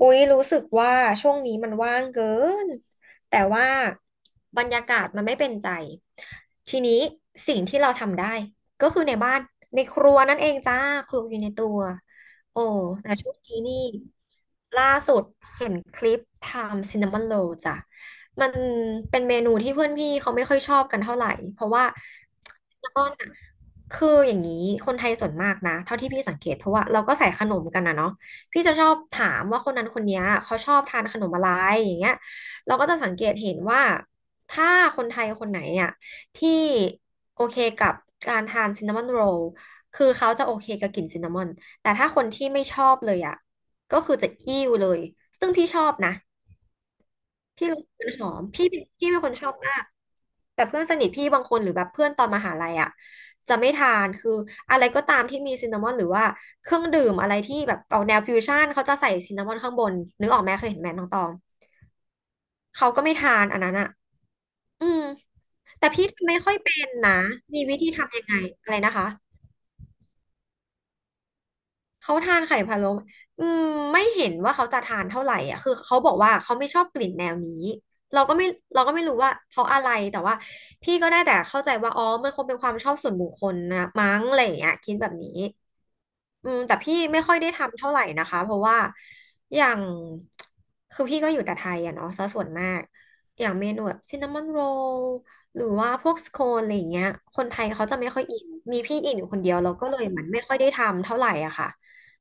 อุ๊ยรู้สึกว่าช่วงนี้มันว่างเกินแต่ว่าบรรยากาศมันไม่เป็นใจทีนี้สิ่งที่เราทำได้ก็คือในบ้านในครัวนั่นเองจ้าครัวอยู่ในตัวโอ้แต่ช่วงนี้นี่ล่าสุดเห็นคลิปทำซินนามอนโรลจ้ะมันเป็นเมนูที่เพื่อนพี่เขาไม่ค่อยชอบกันเท่าไหร่เพราะว่าซินนามอนอะคืออย่างนี้คนไทยส่วนมากนะเท่าที่พี่สังเกตเพราะว่าเราก็ใส่ขนมกันนะเนาะ พี่จะชอบถามว่าคนนั้นคนเนี้ยเขาชอบทานขนมอะไรอย่างเงี้ยเราก็จะสังเกตเห็นว่าถ้าคนไทยคนไหนอ่ะที่โอเคกับการทานซินนามอนโรลคือเขาจะโอเคกับกลิ่นซินนามอนแต่ถ้าคนที่ไม่ชอบเลยอ่ะก็คือจะอิ้วเลยซึ่งพี่ชอบนะ พี่รู้สึกมันหอมพี่พี่เป็นคนชอบมากแต่เพื่อนสนิทพี่บางคนหรือแบบเพื่อนตอนมหาลัยอ่ะจะไม่ทานคืออะไรก็ตามที่มีซินนามอนหรือว่าเครื่องดื่มอะไรที่แบบออกแนวฟิวชั่นเขาจะใส่ซินนามอนข้างบนนึกออกไหมเคยเห็นแมน้องตองเขาก็ไม่ทานอันนั้นอ่ะอืมแต่พี่ไม่ค่อยเป็นนะมีวิธีทำยังไงอะไรนะคะ เขาทานไข่พะโล้อืมไม่เห็นว่าเขาจะทานเท่าไหร่อ่ะคือเขาบอกว่าเขาไม่ชอบกลิ่นแนวนี้เราก็ไม่เราก็ไม่รู้ว่าเพราะอะไรแต่ว่าพี่ก็ได้แต่เข้าใจว่าอ๋อมันคงเป็นความชอบส่วนบุคคลนะมั้งอะไรอย่างเงี้ยคิดแบบนี้อืมแต่พี่ไม่ค่อยได้ทำเท่าไหร่นะคะเพราะว่าอย่างคือพี่ก็อยู่แต่ไทยอะเนาะซะส่วนมากอย่างเมนูแบบซินนามอนโรลหรือว่าพวกสโคนอะไรอย่างเงี้ยคนไทยเขาจะไม่ค่อยอินมีพี่อินอยู่คนเดียวเราก็เลยเหมือนไม่ค่อยได้ทำเท่าไหร่อะค่ะ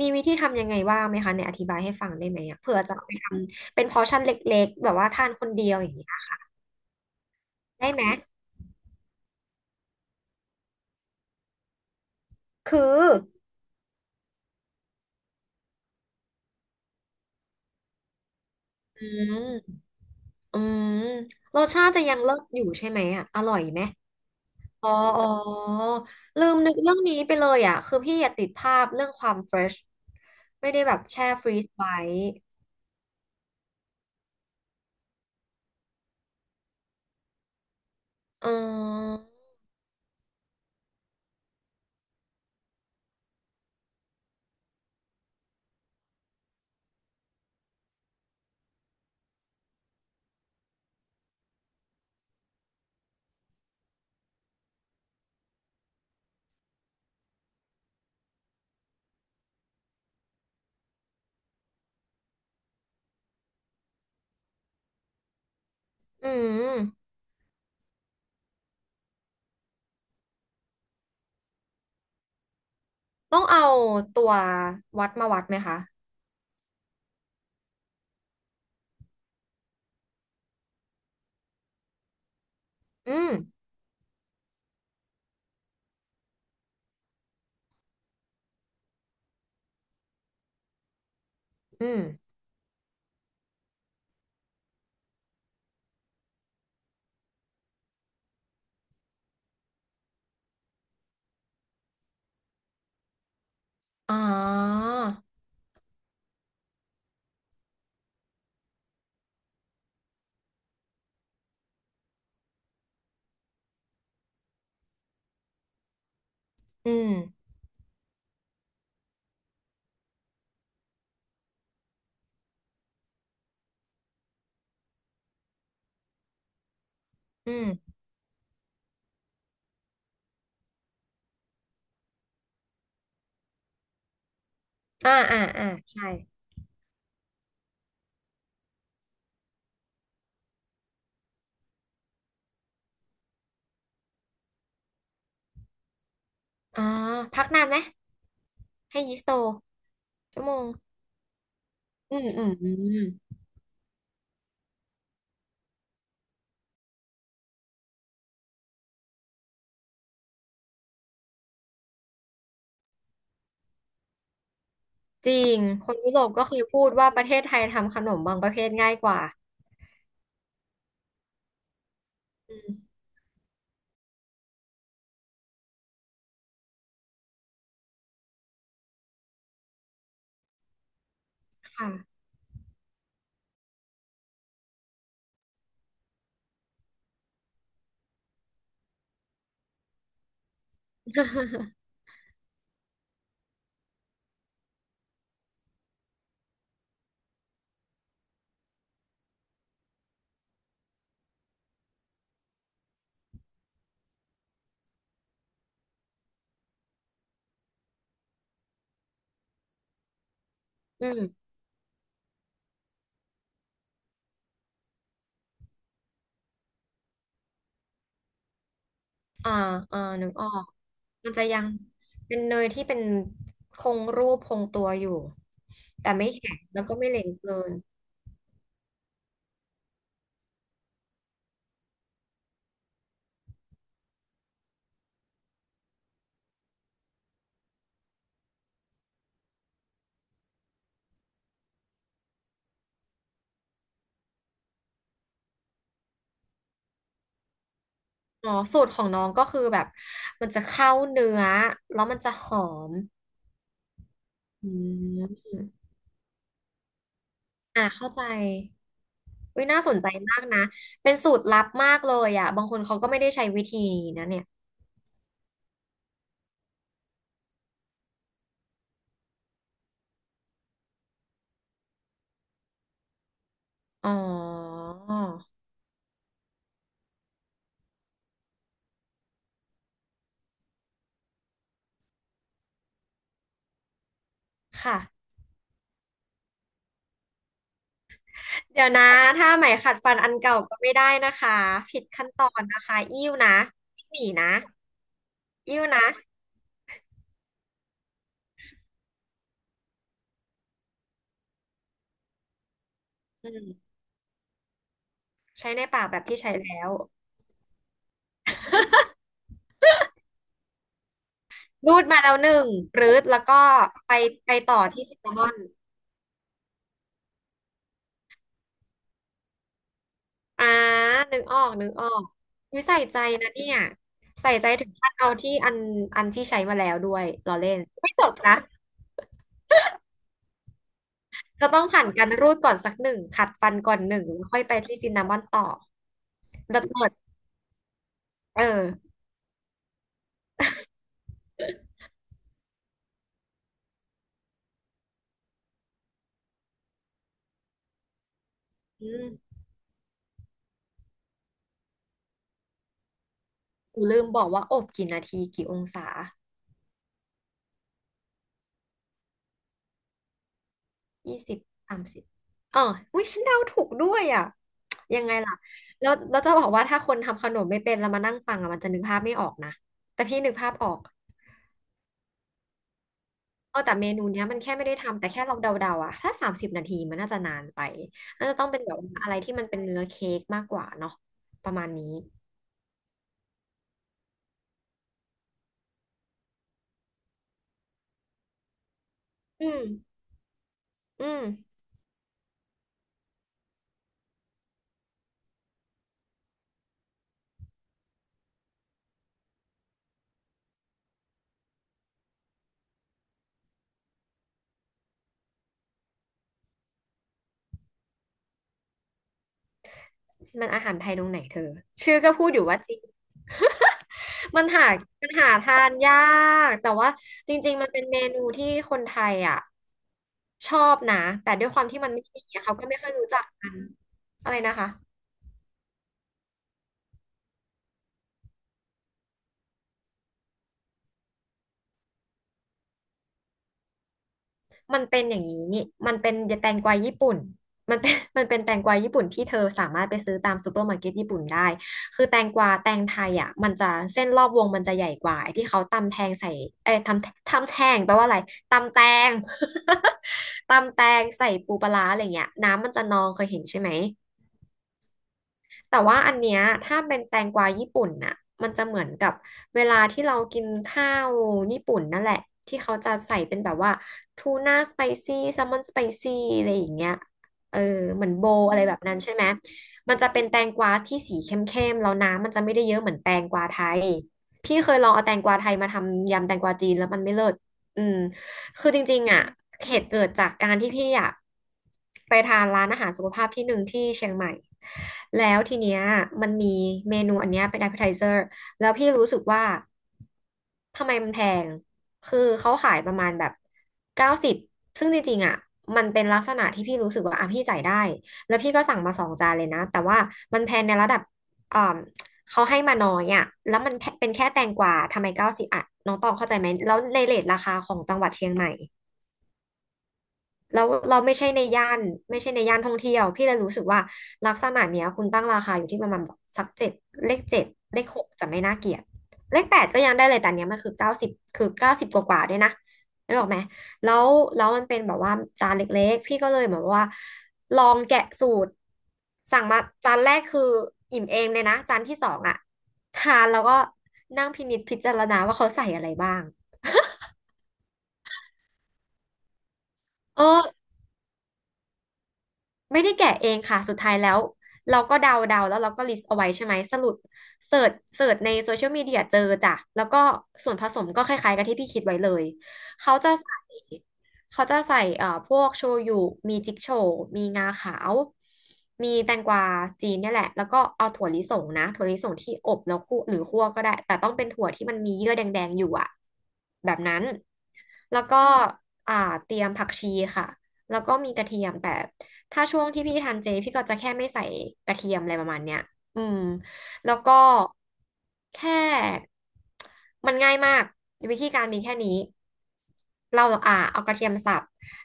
มีวิธีทำยังไงบ้างไหมคะเนี่ยอธิบายให้ฟังได้ไหมอะเผื่อจะเอาไปทำเป็นพอร์ชั่นเล็กๆแบบว่าทานคนเดียวอย่างนี้ยได้ไหมคืออืมอืมรสชาติจะยังเลิศอยู่ใช่ไหมอะอร่อยไหมอ๋ออ๋อลืมนึกเรื่องนี้ไปเลยอะคือพี่อยากติดภาพเรื่องความเฟรชไม่ได้แบบแช่ฟรีซไว้อืมอืมต้องเอาตัววัดมาวัดไหมคะอืมอืมอ๋ออืมอืม อ่าอ่าอ่าใช่อ่าพักนานไหมให้ยีสโตชั่วโมงอืมอืมอืมจริงคนยุโรปก็เคยพูดว่าประเทศไทยทำขนมบางประเภทง่ายกว่าอืมค่ะ อืมอ่าอ่านึกออกมันจะยังเป็นเนยที่เป็นคงรูปคงตัวอยู่แต่ไม่แข็งแล้วก็ไม่เหลวเกินอ๋อสูตรของน้องก็คือแบบมันจะเข้าเนื้อแล้วมันจะหอมอืมอ่าเข้าใจ วิน่าสนใจมากนะ เป็นสูตรลับมากเลยอ่ะบางคนเขาก็ไม่ได้ใช้วิธีนี้นะเนี่ยอ๋อค่ะเดี๋ยวนะ ถ้าไหมขัดฟันอันเก่าก็ไม่ได้นะคะ ผิดขั้นตอนนะคะอิ้วนะอิ้วหนีนะอิ้วนะอืมใช้ในปากแบบที่ใช้แล้วรูดมาแล้วหนึ่งปรื๊ดแล้วก็ไปไปต่อที่ซินนามอนอ่านึกออกนึกออกวิใส่ใจนะเนี่ยใส่ใจถึงขั้นเอาที่อันอันที่ใช้มาแล้วด้วยล้อเล่นไม่จบนะ เธอต้องผ่านการรูดก่อนสักหนึ่งขัดฟันก่อนหนึ่งแล้วค่อยไปที่ซินนามอนต่อแล้วเปิดเอออืมกูลืมบอกว่าอบกี่นาทีกี่องศา20สามสิบเออวิฉันเดาถูกด้วยอ่ะยังไงล่ะแล้วแล้วจะบอกว่าถ้าคนทำขนมไม่เป็นแล้วมานั่งฟังอ่ะมันจะนึกภาพไม่ออกนะแต่พี่นึกภาพออกเออแต่เมนูเนี้ยมันแค่ไม่ได้ทำแต่แค่เราเดาๆอ่ะถ้า30 นาทีมันน่าจะนานไปน่าจะต้องเป็นแบบว่าอะไรที่มันเป็นเนื้อเค้กมากกว่าเนาะประมาณนี้อืมอืม มันอาหารไทยตรงไหนเธอชื่อก็พูดอยู่ว่าจีน มันหามันหาทานยากแต่ว่าจริงๆมันเป็นเมนูที่คนไทยอ่ะชอบนะแต่ด้วยความที่มันไม่มีอะเขาก็ไม่ค่อยรู้จักกันอะไรนะคะ มันเป็นอย่างนี้นี่มันเป็นแตงกวาญี่ปุ่นมันเป็น มันเป็นแตงกวาญี่ปุ่นที่เธอสามารถไปซื้อตามซูเปอร์มาร์เก็ตญี่ปุ่นได้คือแตงกวาแตงไทยอ่ะมันจะเส้นรอบวงมันจะใหญ่กว่าไอ้ที่เขาตำแทงใส่เอ้ยทำแทงแปลว่าอะไรตำแตง ตำแตงใส่ปูปลาร้าอะไรเงี้ยน้ำมันจะนองเคยเห็นใช่ไหม แต่ว่าอันเนี้ยถ้าเป็นแตงกวาญี่ปุ่นน่ะมันจะเหมือนกับเวลาที่เรากินข้าวญี่ปุ่นนั่นแหละที่เขาจะใส่เป็นแบบว่าทูน่าสไปซี่แซลมอนสไปซี่อะไรอย่างเงี้ยเออเหมือนโบอือะไรมแบบนั้นใช่ไหมมันจะเป็นแตงกวาที่สีเข้มๆแล้วน้ำมันจะไม่ได้เยอะเหมือนแตงกวาไทยพี่เคยลองเอาแตงกวาไทยมาทำยำแตงกวาจีนแล้วมันไม่เลิศอืม คือจริงๆอ่ะ เหตุเกิดจากการที่พี่อ่ะไปทานร้านอาหารสุขภาพที่หนึ่งที่เชียงใหม่ แล้วทีเนี้ยมันมีเมนูอันเนี้ยเป็น appetizer แล้วพี่รู้สึกว่าทำไมมันแพง คือเขาขายประมาณแบบเก้าสิบซึ่งจริงๆอ่ะมันเป็นลักษณะที่พี่รู้สึกว่าอ่ะพี่จ่ายได้ แล้วพี่ก็สั่งมาสองจานเลยนะ แต่ว่ามันแพงในระดับอ่า เขาให้มาน้อยอ่ะแล้วมันเป็นแค่แตงกวาทำไมเก้าสิบอ่ะน้องตองเข้าใจไหม แล้วในเรทราคาของจังหวัดเชียงใหม่ แล้วเราไม่ใช่ในย่านไม่ใช่ในย่านท่องเที่ยวพี่เลยรู้สึกว่าลักษณะเนี้ยคุณตั้งราคาอยู่ที่ประมาณแบบสักเจ็ดเลขเจ็ดเลขหกจะไม่น่าเกลียดเลขแปดก็ยังได้เลยแต่อันเนี้ยมันคือเก้าสิบคือเก้าสิบกว่ากว่าๆด้วยนะนึกออกไหมแล้วแล้วมันเป็นแบบว่าจานเล็กๆพี่ก็เลยเหมือนว่าลองแกะสูตรสั่งมาจานแรกคืออิ่มเองเลยนะจานที่สองอะทานแล้วก็นั่งพินิจพิจารณาว่าเขาใส่อะไรบ้างเออ ไม่ได้แกะเองค่ะ สุดท้ายแล้วเราก็เดาเดาแล้วเราก็ลิสต์เอาไว้ใช่ไหม สรุปเสิร์ชในโซเชียลมีเดียเจอจ้ะแล้วก็ส่วนผสมก็คล้ายๆกับที่พี่คิดไว้เลย เขาจะใส่เขาจะใส่พวกโชยุมีจิกโชว์มีงาขาว มีแตงกวาจีนเนี่ยแหละ แล้วก็เอาถั่วลิสงนะถั่วลิสงที่อบแล้วคั่วหรือคั่วก็ได้ แต่ต้องเป็นถั่วที่มันมีเยื่อแดงๆอยู่อะแบบนั้นแล้วก็อ่าเตรียมผักชีค่ะแล้วก็มีกระเทียมแต่ ถ้าช่วงที่พี่ทานเจพี่ก็จะแค่ไม่ใส่กระเทียมอะไรประมาณเนี้ยอืมแล้วก็แค่มันง่ายมากวิธีการมีแค่นี้เราเอากระเทียมสับ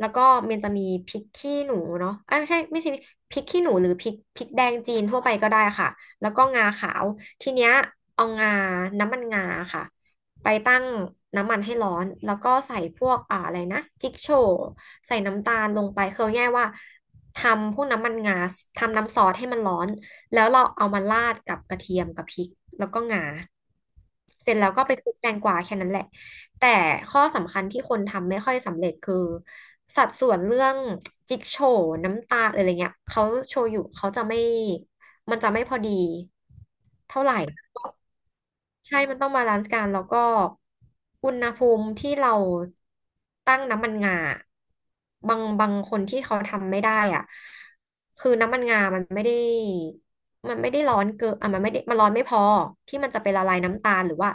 แล้วก็มันจะมีพริกขี้หนูเนาะเอ้ยไม่ใช่ไม่ใช่พริกขี้หนูหรือพริกแดงจีนทั่วไปก็ได้ค่ะแล้วก็งาขาวทีเนี้ยเอางาน้ำมันงาค่ะไปตั้งน้ำมันให้ร้อนแล้วก็ใส่พวกอะไรนะจิกโชว์ใส่น้ำตาลลงไปคือเอาง่ายๆว่า ทำพวกน้ำมันงาทำน้ำซอสให้มันร้อนแล้วเราเอามาราดกับกระเทียมกับพริกแล้วก็งาเสร็จแล้วก็ไปคลุกแตงกวาแค่นั้นแหละแต่ข้อสำคัญที่คนทำไม่ค่อยสำเร็จคือสัดส่วนเรื่องจิ๊กโฉวน้ำตาลอะไรเงี้ยเขาโชยุเขาจะไม่มันจะไม่พอดีเท่าไหร่ ใช่มันต้องบาลานซ์กันแล้วก็อุณหภูมิที่เราตั้งน้ำมันงาบางคนที่เขาทำไม่ได้อ่ะคือน้ำมันงามันไม่ได้มันไม่ได้ร้อนเกินอ่ะมันไม่ได้มันร้อนไม่พอที่มันจะไปละลายน้ำตาลหรือว่า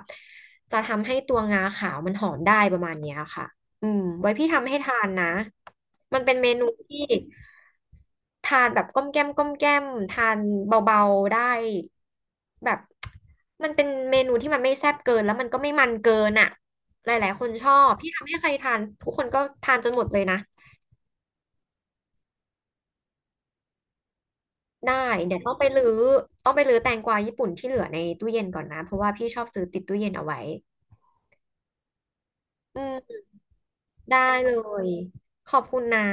จะทำให้ตัวงาขาวมันหอมได้ประมาณเนี้ยค่ะอืมไว้พี่ทำให้ทานนะมันเป็นเมนูที่ ทานแบบก้อมแก้มก้อมแก้มทานเบาๆได้แบบมันเป็นเมนูที่มันไม่แซ่บเกินแล้วมันก็ไม่มันเกินอ่ะหลายๆคนชอบพี่ทำให้ใครทานทุกคนก็ทานจนหมดเลยนะได้เดี๋ยวต้องไปรื้อต้องไปรื้อแตงกวาญี่ปุ่นที่เหลือในตู้เย็นก่อนนะเพราะว่าพี่ชอบซื้อติดตู้เย็นเอาไว้อืมได้เลยขอบคุณนะ